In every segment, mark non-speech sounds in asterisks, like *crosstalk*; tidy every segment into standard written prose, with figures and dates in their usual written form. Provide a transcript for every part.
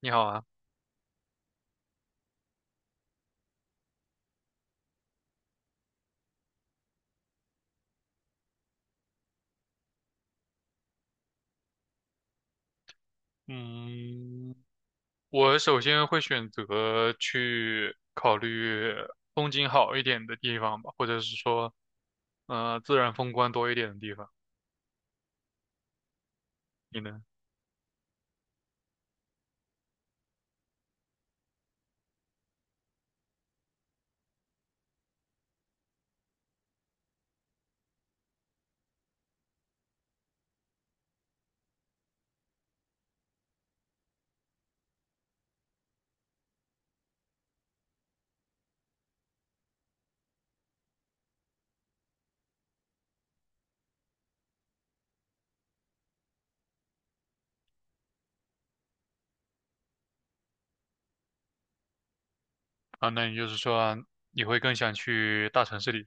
你好啊，嗯，我首先会选择去考虑风景好一点的地方吧，或者是说，自然风光多一点的地方。你呢？啊，那也就是说，你会更想去大城市里？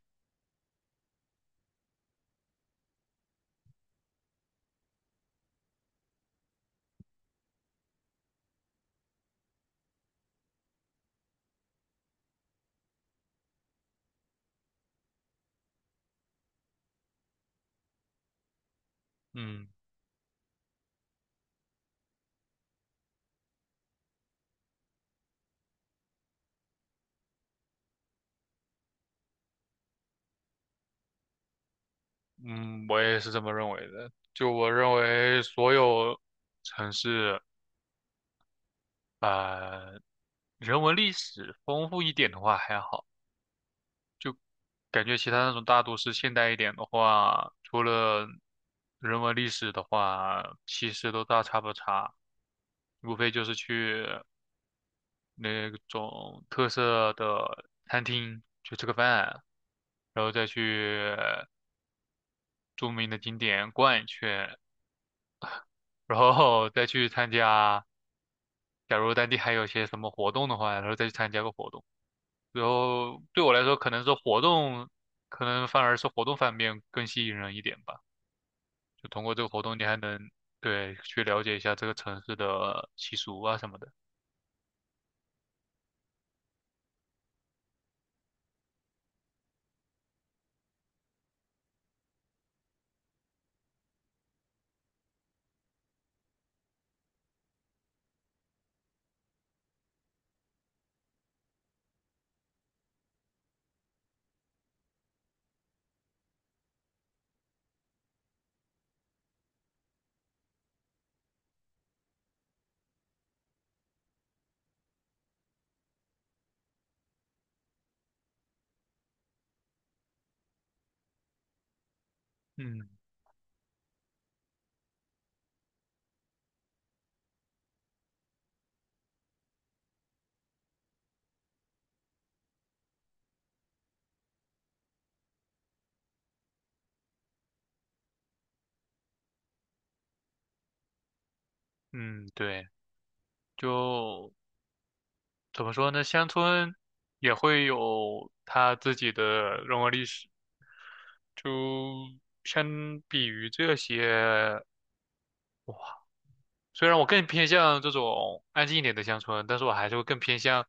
嗯嗯，我也是这么认为的。就我认为，所有城市，呃，人文历史丰富一点的话还好。感觉其他那种大都市现代一点的话，除了人文历史的话，其实都大差不差，无非就是去那种特色的餐厅去吃个饭，然后再去著名的景点逛一圈，然后 *laughs* 再去参加，假如当地还有些什么活动的话，然后再去参加个活动。然后对我来说，可能是活动，可能反而是活动方面更吸引人一点吧。就通过这个活动，你还能对去了解一下这个城市的习俗啊什么的。嗯嗯，对，就怎么说呢？乡村也会有它自己的人文历史，就相比于这些。虽然我更偏向这种安静一点的乡村，但是我还是会更偏向，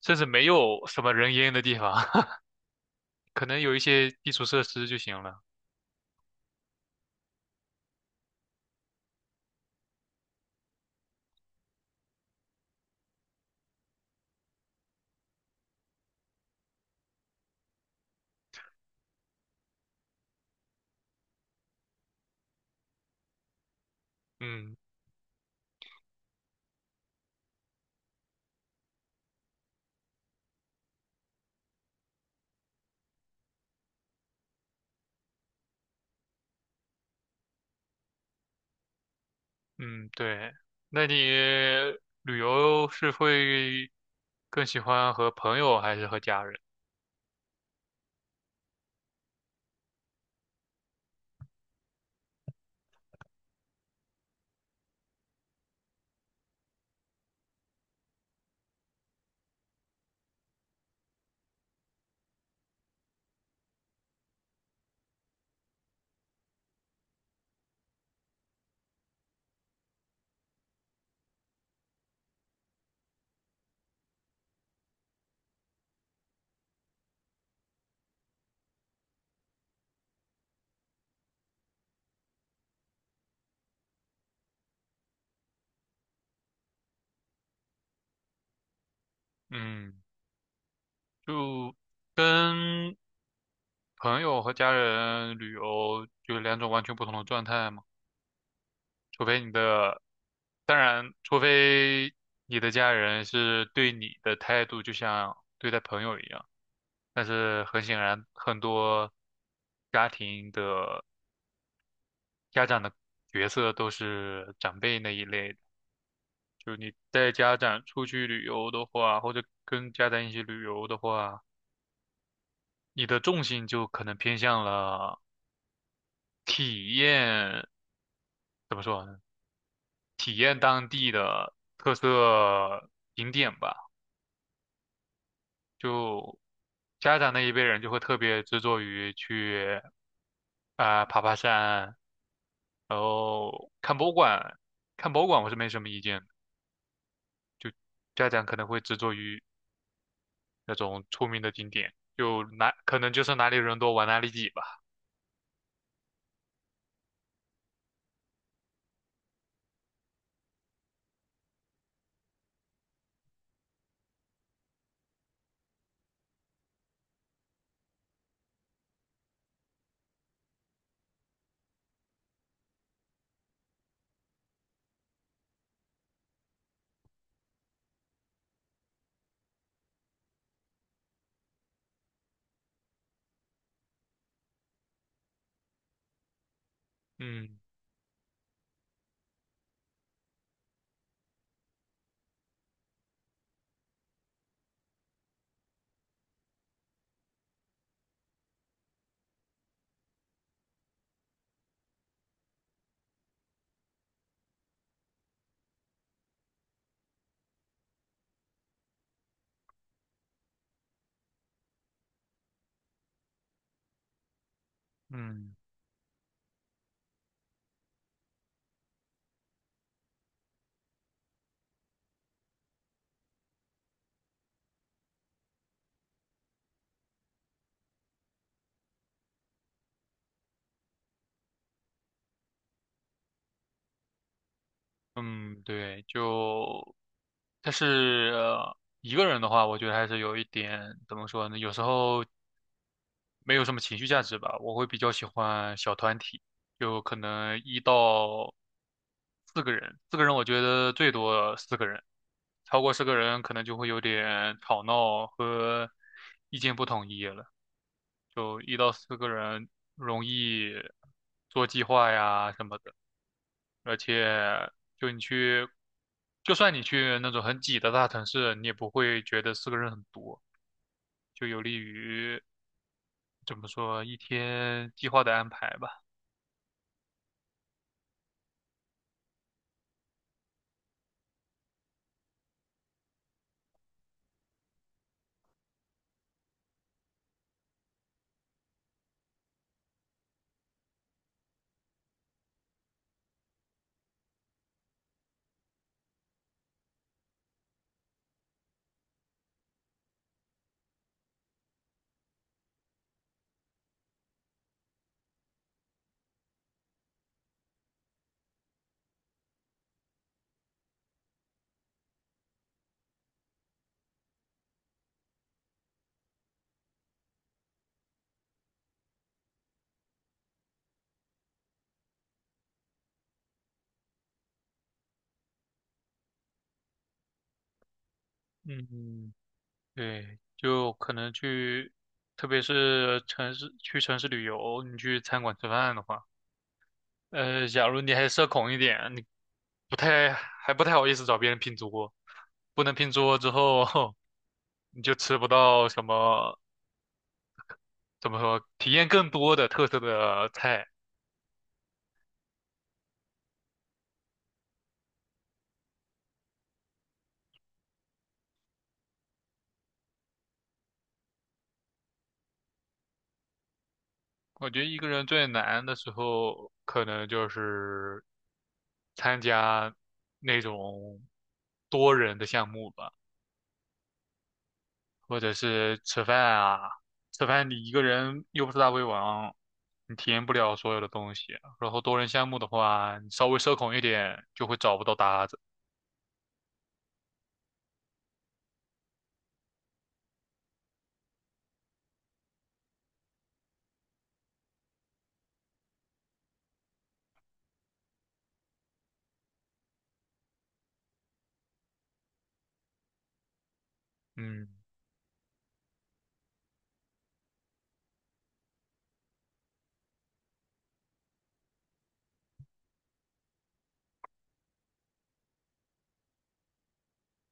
甚至没有什么人烟的地方，*laughs* 可能有一些基础设施就行了。嗯。嗯，对。那你旅游是会更喜欢和朋友还是和家人？嗯，就跟朋友和家人旅游就两种完全不同的状态嘛。除非你的，当然，除非你的家人是对你的态度就像对待朋友一样。但是很显然，很多家庭的家长的角色都是长辈那一类的。就你带家长出去旅游的话，或者跟家长一起旅游的话，你的重心就可能偏向了体验，怎么说呢？体验当地的特色景点吧。就家长那一辈人就会特别执着于去啊、爬爬山，然后看博物馆。看博物馆我是没什么意见的，就家长可能会执着于那种出名的景点，就哪可能就是哪里人多玩哪里挤吧。嗯。嗯嗯，对，就，但是一个人的话，我觉得还是有一点怎么说呢？有时候没有什么情绪价值吧。我会比较喜欢小团体，就可能一到四个人，四个人我觉得最多四个人，超过四个人可能就会有点吵闹和意见不统一了。就一到四个人容易做计划呀什么的。而且就你去，就算你去那种很挤的大城市，你也不会觉得四个人很多，就有利于怎么说一天计划的安排吧。嗯，对，就可能去，特别是城市去城市旅游，你去餐馆吃饭的话，假如你还社恐一点，你不太好意思找别人拼桌，不能拼桌之后，*laughs* 你就吃不到什么怎么说体验更多的特色的菜。我觉得一个人最难的时候，可能就是参加那种多人的项目吧，或者是吃饭啊。吃饭你一个人又不是大胃王，你体验不了所有的东西啊。然后多人项目的话，你稍微社恐一点就会找不到搭子。嗯，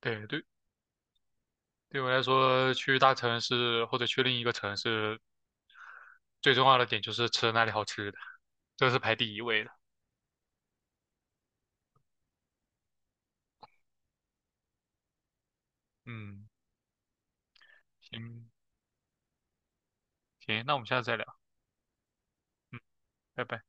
对对，对我来说，去大城市或者去另一个城市，最重要的点就是吃那里好吃的，这是排第一位的。嗯，行，行，那我们下次再聊，嗯，拜拜。